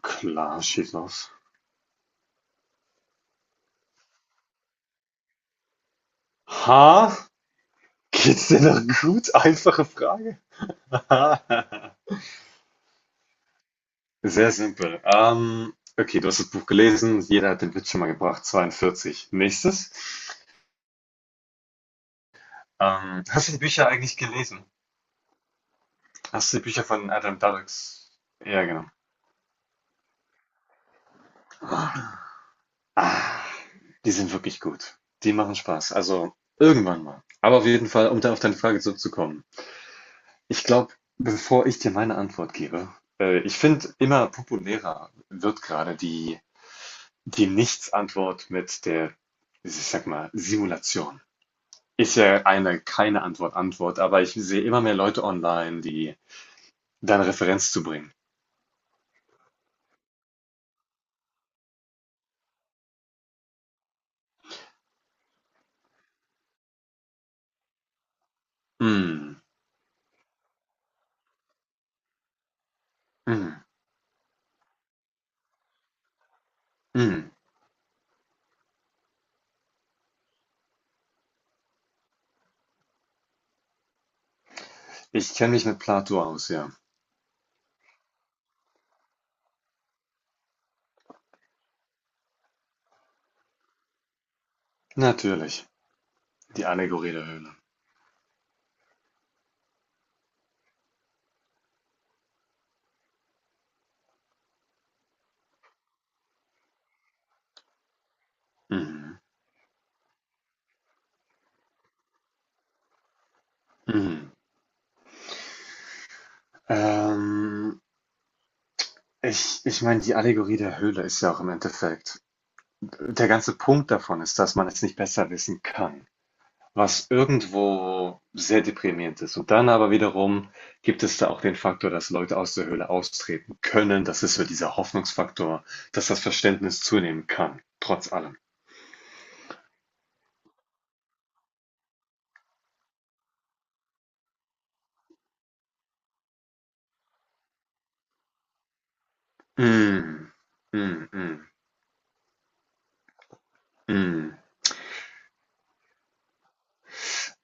Klar, schieß los. Ha? Geht's dir noch gut? Einfache Frage. Sehr simpel. Okay, du hast das Buch gelesen. Jeder hat den Witz schon mal gebracht. 42. Nächstes. Hast du die Bücher eigentlich gelesen? Hast du die Bücher von Adam Dulles? Ja, genau. Ah, die sind wirklich gut. Die machen Spaß. Also irgendwann mal. Aber auf jeden Fall, um da auf deine Frage zurückzukommen. Ich glaube, bevor ich dir meine Antwort gebe, ich finde, immer populärer wird gerade die Nichts-Antwort mit der, ich sag mal, Simulation. Ist ja eine keine Antwort, Antwort, aber ich sehe immer mehr Leute online, die deine Referenz zu bringen. Mm, mm, mm. Ich kenne mich mit Plato aus, ja. Natürlich. Die Allegorie der Höhle. Mhm. Mhm. Ähm, ich meine, die Allegorie der Höhle ist ja auch im Endeffekt. Der ganze Punkt davon ist, dass man es nicht besser wissen kann, was irgendwo sehr deprimierend ist. Und dann aber wiederum gibt es da auch den Faktor, dass Leute aus der Höhle austreten können. Das ist so dieser Hoffnungsfaktor, dass das Verständnis zunehmen kann, trotz allem. Mm, mm, mm, mm.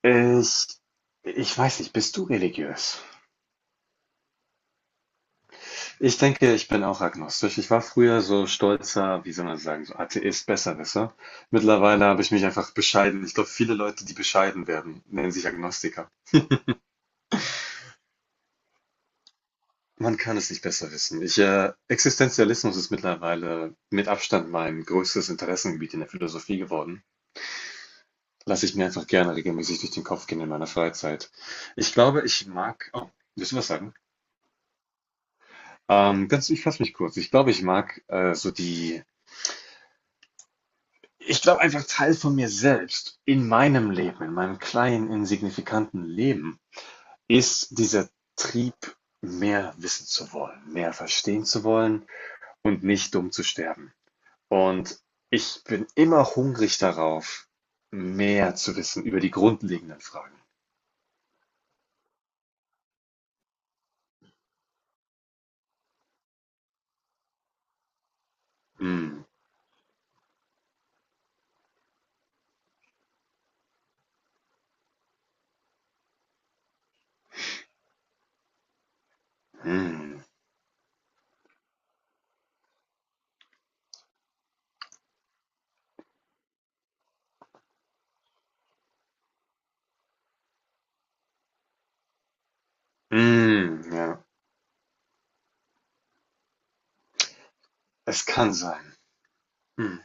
Ich, ich weiß nicht, bist du religiös? Ich denke, ich bin auch agnostisch. Ich war früher so stolzer, wie soll man sagen, so Atheist, Besserwisser. Mittlerweile habe ich mich einfach bescheiden. Ich glaube, viele Leute, die bescheiden werden, nennen sich Agnostiker. Man kann es nicht besser wissen. Ich, Existenzialismus ist mittlerweile mit Abstand mein größtes Interessengebiet in der Philosophie geworden. Lasse ich mir einfach gerne regelmäßig durch den Kopf gehen in meiner Freizeit. Ich glaube, ich mag. Oh, willst du was sagen? Ich fasse mich kurz. Ich glaube, ich mag so die. Ich glaube einfach Teil von mir selbst in meinem Leben, in meinem kleinen, insignifikanten Leben, ist dieser Trieb, mehr wissen zu wollen, mehr verstehen zu wollen und nicht dumm zu sterben. Und ich bin immer hungrig darauf, mehr zu wissen über die grundlegenden Fragen. Mm, mm, mm, ja, es kann sein. Mm,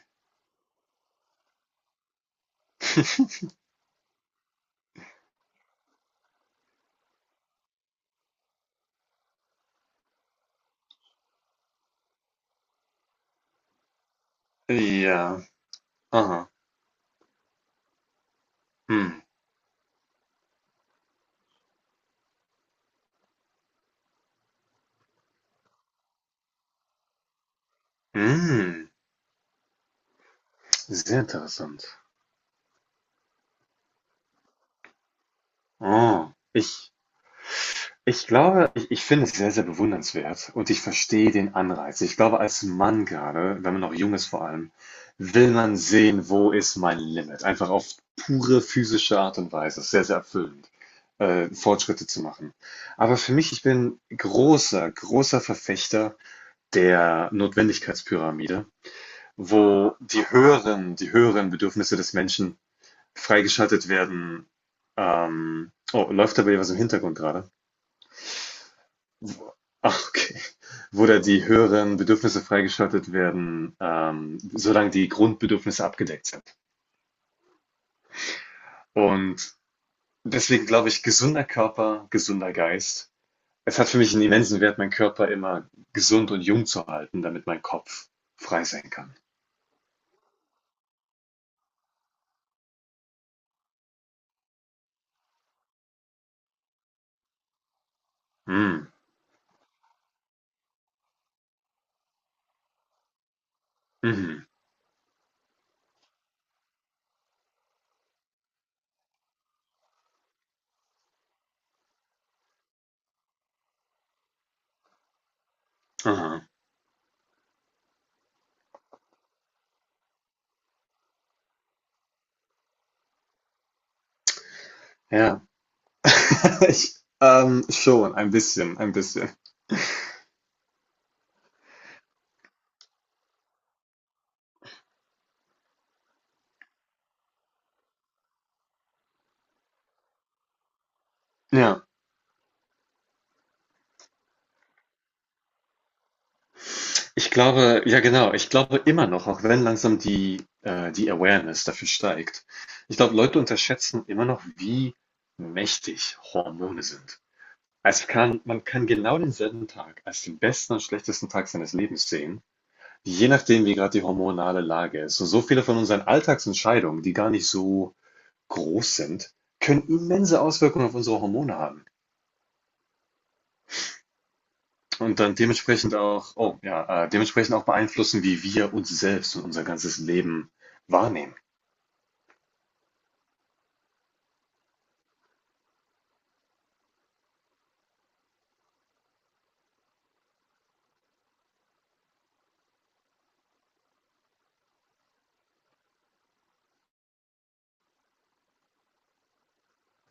ja, aha. Mm, mm, sehr interessant. Oh, ich. Ich glaube, ich finde es sehr, sehr bewundernswert und ich verstehe den Anreiz. Ich glaube, als Mann gerade, wenn man noch jung ist vor allem, will man sehen, wo ist mein Limit? Einfach auf pure physische Art und Weise. Es ist sehr, sehr erfüllend, Fortschritte zu machen. Aber für mich, ich bin großer, großer Verfechter der Notwendigkeitspyramide, wo die höheren Bedürfnisse des Menschen freigeschaltet werden. Oh, läuft da bei dir was im Hintergrund gerade? Wo- Ach, okay. Wo da die höheren Bedürfnisse freigeschaltet werden, solange die Grundbedürfnisse abgedeckt sind. Und deswegen glaube ich, gesunder Körper, gesunder Geist. Es hat für mich einen immensen Wert, meinen Körper immer gesund und jung zu halten, damit mein Kopf frei sein kann. Hm, mhm, aha. Ja, ich, schon, ein bisschen. Ja. Ich glaube, ja genau, ich glaube immer noch, auch wenn langsam die, die Awareness dafür steigt. Ich glaube, Leute unterschätzen immer noch, wie mächtig Hormone sind. Es kann, man kann genau denselben Tag als den besten und schlechtesten Tag seines Lebens sehen, je nachdem, wie gerade die hormonale Lage ist. Und so viele von unseren Alltagsentscheidungen, die gar nicht so groß sind, können immense Auswirkungen auf unsere Hormone haben. Und dann dementsprechend auch, oh ja, dementsprechend auch beeinflussen, wie wir uns selbst und unser ganzes Leben wahrnehmen.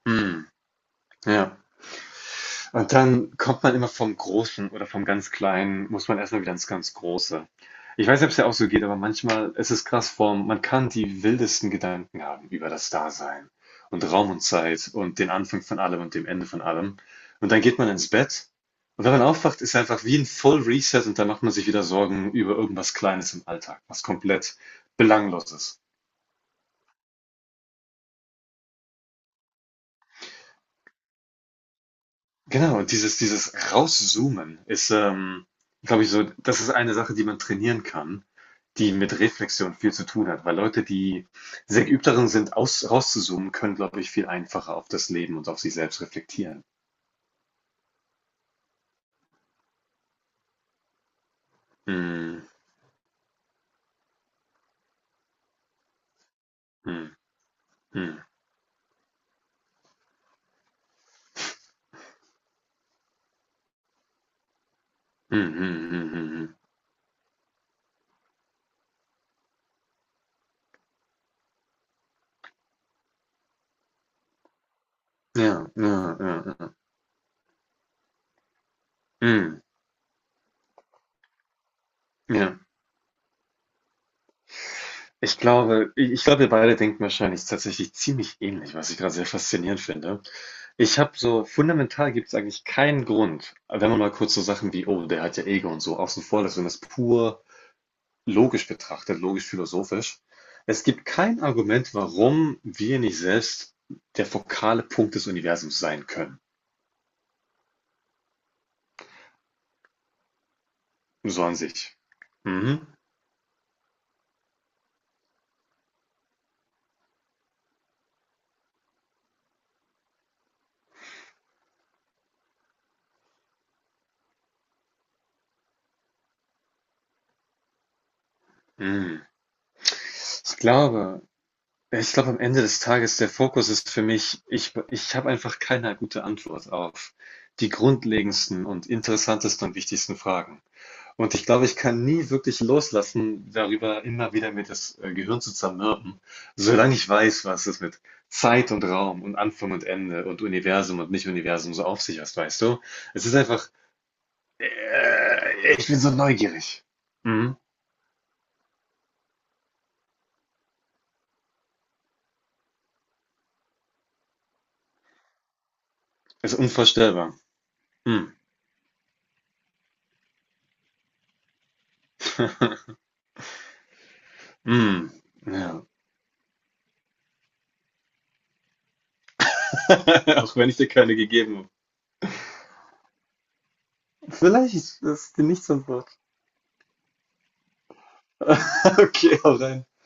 Hm, ja. Und dann kommt man immer vom Großen oder vom ganz Kleinen, muss man erstmal wieder ins ganz Große. Ich weiß nicht, ob es dir auch so geht, aber manchmal ist es krass form. Man kann die wildesten Gedanken haben über das Dasein und Raum und Zeit und den Anfang von allem und dem Ende von allem. Und dann geht man ins Bett und wenn man aufwacht, ist einfach wie ein Full Reset und dann macht man sich wieder Sorgen über irgendwas Kleines im Alltag, was komplett belangloses. Genau, und dieses Rauszoomen ist, glaube ich, so, das ist eine Sache, die man trainieren kann, die mit Reflexion viel zu tun hat, weil Leute, die sehr geübt darin sind, rauszuzoomen, können, glaube ich, viel einfacher auf das Leben und auf sich selbst reflektieren. Mm, mm, mm, mm, mm, mm. Ja, ja, ja, ja. Mm, ja. Ich glaube, ich glaube, wir beide denken wahrscheinlich tatsächlich ziemlich ähnlich, was ich gerade sehr faszinierend finde. Ich habe so, fundamental gibt es eigentlich keinen Grund, wenn man mal kurz so Sachen wie, oh, der hat ja Ego und so außen vor lässt und das pur logisch betrachtet, logisch-philosophisch. Es gibt kein Argument, warum wir nicht selbst der fokale Punkt des Universums sein können. So an sich. Mhm. Mhm. Ich glaube, ich glaube, am Ende des Tages, der Fokus ist für mich, ich habe einfach keine gute Antwort auf die grundlegendsten und interessantesten und wichtigsten Fragen. Und ich glaube, ich kann nie wirklich loslassen, darüber immer wieder mir das Gehirn zu zermürben, solange ich weiß, was es mit Zeit und Raum und Anfang und Ende und Universum und Nicht-Universum so auf sich hat, weißt du? Es ist einfach, ich bin so neugierig. Mhm. Es ist unvorstellbar. Mhm. Mhm. Ja. Auch wenn ich dir keine gegeben habe. Vielleicht ist das dir nicht so Wort. Okay, hau rein.